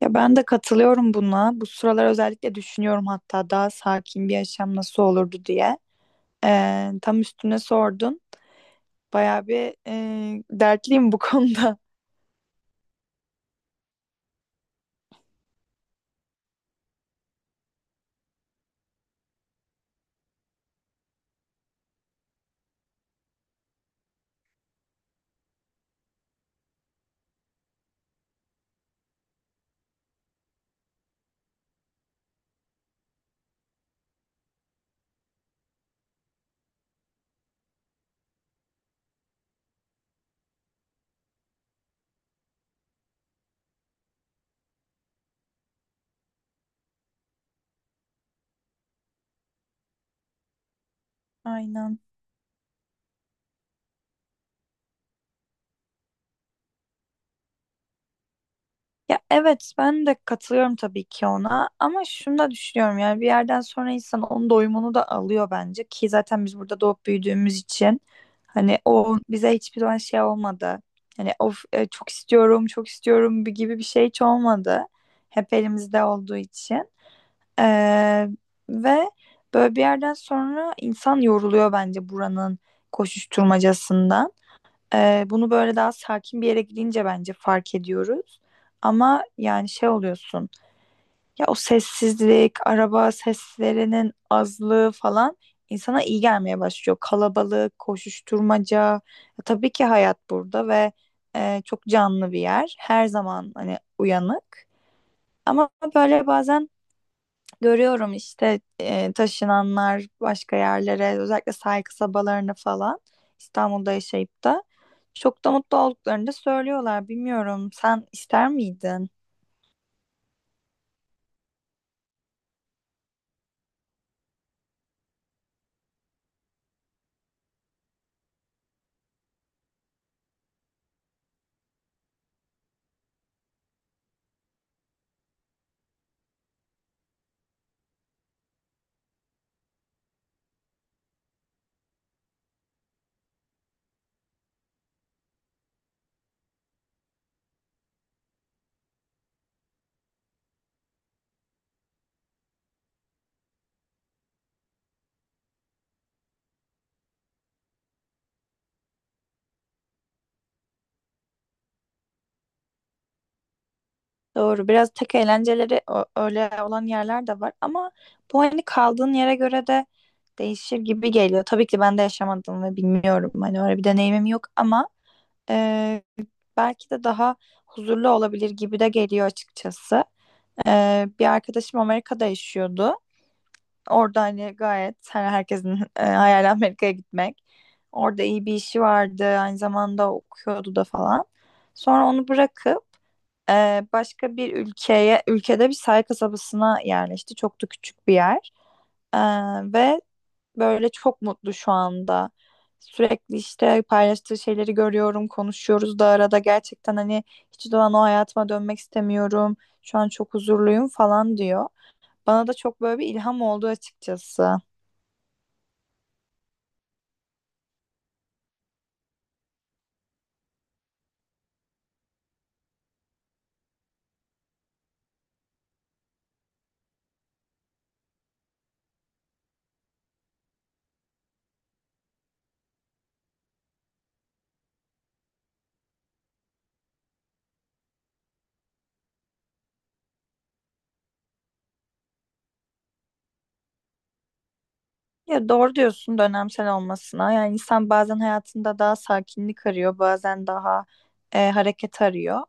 Ya ben de katılıyorum buna. Bu sıralar özellikle düşünüyorum, hatta daha sakin bir yaşam nasıl olurdu diye. Tam üstüne sordun. Bayağı bir dertliyim bu konuda. Aynen. Ya evet, ben de katılıyorum tabii ki ona, ama şunu da düşünüyorum. Yani bir yerden sonra insan onun doyumunu da alıyor bence, ki zaten biz burada doğup büyüdüğümüz için hani o bize hiçbir zaman şey olmadı. Hani of çok istiyorum çok istiyorum gibi bir şey hiç olmadı. Hep elimizde olduğu için. Ee, Ve böyle bir yerden sonra insan yoruluyor bence buranın koşuşturmacasından. Bunu böyle daha sakin bir yere gidince bence fark ediyoruz. Ama yani şey oluyorsun, ya o sessizlik, araba seslerinin azlığı falan insana iyi gelmeye başlıyor. Kalabalık, koşuşturmaca. Ya tabii ki hayat burada ve çok canlı bir yer. Her zaman hani uyanık. Ama böyle bazen görüyorum işte taşınanlar başka yerlere, özellikle sahil kasabalarını falan. İstanbul'da yaşayıp da çok da mutlu olduklarını da söylüyorlar. Bilmiyorum, sen ister miydin? Doğru, biraz tek eğlenceleri öyle olan yerler de var, ama bu hani kaldığın yere göre de değişir gibi geliyor. Tabii ki ben de yaşamadım ve bilmiyorum, hani öyle bir deneyimim yok, ama e, belki de daha huzurlu olabilir gibi de geliyor açıkçası. Bir arkadaşım Amerika'da yaşıyordu. Orada hani gayet, hani herkesin hayali Amerika'ya gitmek. Orada iyi bir işi vardı. Aynı zamanda okuyordu da falan. Sonra onu bırakıp başka bir ülkeye, ülkede bir sahil kasabasına yerleşti. Çok da küçük bir yer. Ee, Ve böyle çok mutlu şu anda. Sürekli işte paylaştığı şeyleri görüyorum, konuşuyoruz da arada. Gerçekten hani hiç zaman o hayatıma dönmek istemiyorum, şu an çok huzurluyum falan diyor. Bana da çok böyle bir ilham oldu açıkçası. Ya doğru diyorsun dönemsel olmasına. Yani insan bazen hayatında daha sakinlik arıyor, bazen daha hareket arıyor.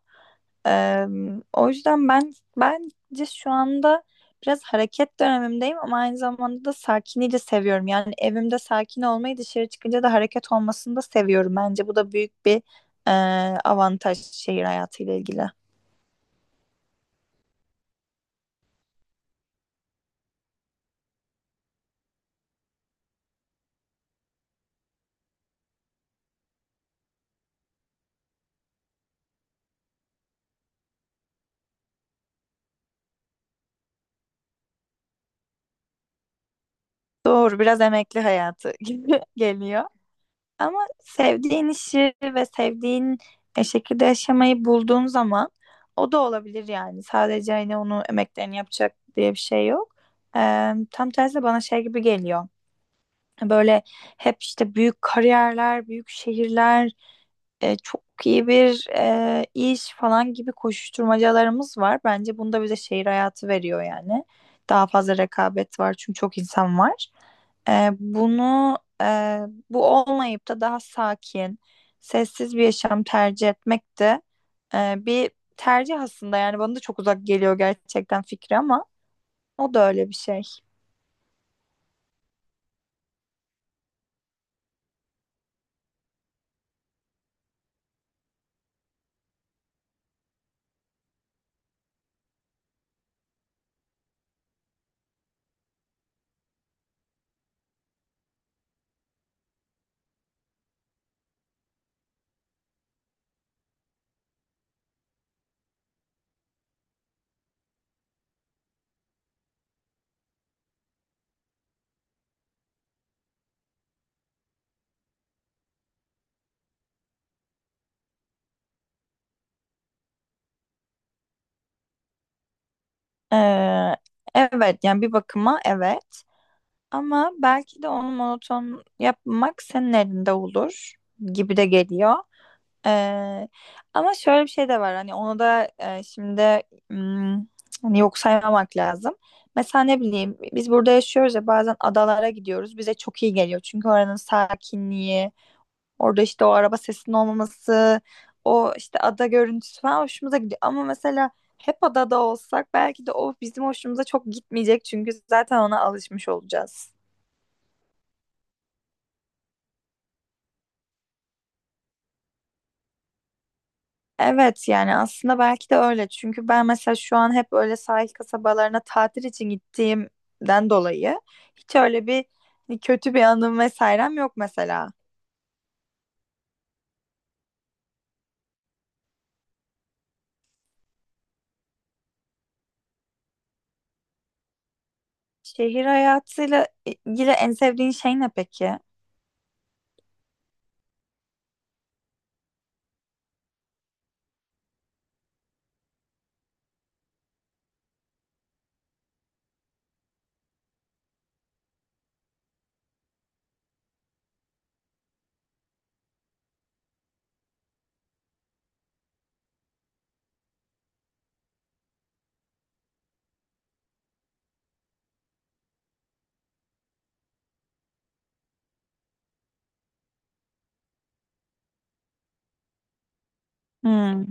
E, O yüzden ben bence şu anda biraz hareket dönemimdeyim, ama aynı zamanda da sakinliği de seviyorum. Yani evimde sakin olmayı, dışarı çıkınca da hareket olmasını da seviyorum. Bence bu da büyük bir e, avantaj şehir hayatıyla ilgili. Doğru, biraz emekli hayatı gibi geliyor. Ama sevdiğin işi ve sevdiğin şekilde yaşamayı bulduğun zaman o da olabilir yani. Sadece hani onu emeklerini yapacak diye bir şey yok. Tam tersi bana şey gibi geliyor. Böyle hep işte büyük kariyerler, büyük şehirler, çok iyi bir iş falan gibi koşuşturmacalarımız var. Bence bunda bize şehir hayatı veriyor yani. Daha fazla rekabet var çünkü çok insan var. Bunu e, bu olmayıp da daha sakin, sessiz bir yaşam tercih etmek de bir tercih aslında. Yani bana da çok uzak geliyor gerçekten fikri, ama o da öyle bir şey. E, evet yani bir bakıma evet. Ama belki de onu monoton yapmak senin elinde olur gibi de geliyor. Ee, Ama şöyle bir şey de var, hani onu da şimdi hmm, hani yok saymamak lazım. Mesela ne bileyim, biz burada yaşıyoruz ya, bazen adalara gidiyoruz, bize çok iyi geliyor. Çünkü oranın sakinliği, orada işte o araba sesinin olmaması, o işte ada görüntüsü falan hoşumuza gidiyor. Ama mesela hep adada olsak belki de o bizim hoşumuza çok gitmeyecek, çünkü zaten ona alışmış olacağız. Evet yani aslında belki de öyle. Çünkü ben mesela şu an hep öyle sahil kasabalarına tatil için gittiğimden dolayı hiç öyle bir hani, kötü bir anım vesairem yok mesela. Şehir hayatıyla ilgili en sevdiğin şey ne peki? Hmm.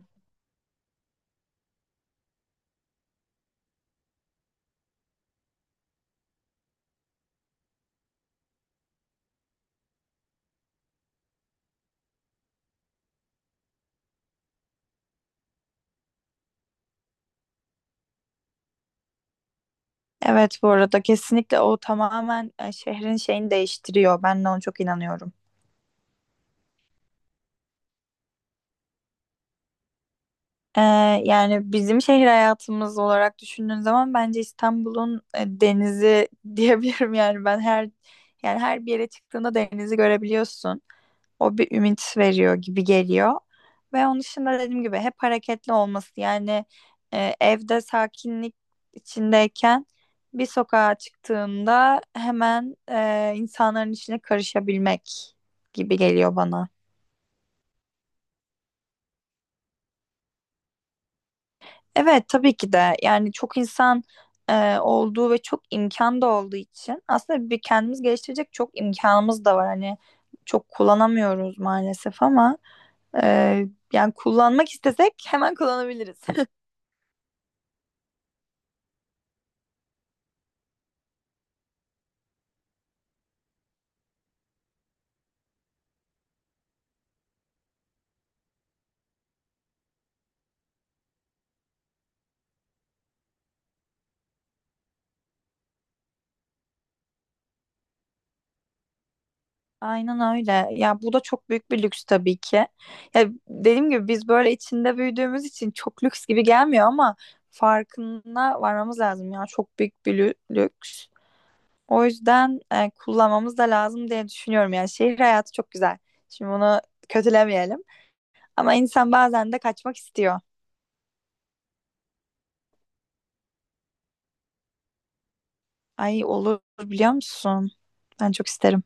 Evet, bu arada kesinlikle o tamamen şehrin şeyini değiştiriyor. Ben de ona çok inanıyorum. Ee, Yani bizim şehir hayatımız olarak düşündüğün zaman bence İstanbul'un denizi diyebilirim. Yani ben her yani her bir yere çıktığında denizi görebiliyorsun. O bir ümit veriyor gibi geliyor. Ve onun dışında dediğim gibi hep hareketli olması. Yani evde sakinlik içindeyken bir sokağa çıktığında hemen insanların içine karışabilmek gibi geliyor bana. Evet tabii ki de. Yani çok insan olduğu ve çok imkan da olduğu için aslında bir kendimiz geliştirecek çok imkanımız da var. Hani çok kullanamıyoruz maalesef, ama e, yani kullanmak istesek hemen kullanabiliriz. Aynen öyle. Ya bu da çok büyük bir lüks tabii ki. Ya dediğim gibi biz böyle içinde büyüdüğümüz için çok lüks gibi gelmiyor, ama farkına varmamız lazım ya. Çok büyük bir lüks. O yüzden kullanmamız da lazım diye düşünüyorum. Yani şehir hayatı çok güzel. Şimdi bunu kötülemeyelim. Ama insan bazen de kaçmak istiyor. Ay olur, biliyor musun? Ben çok isterim.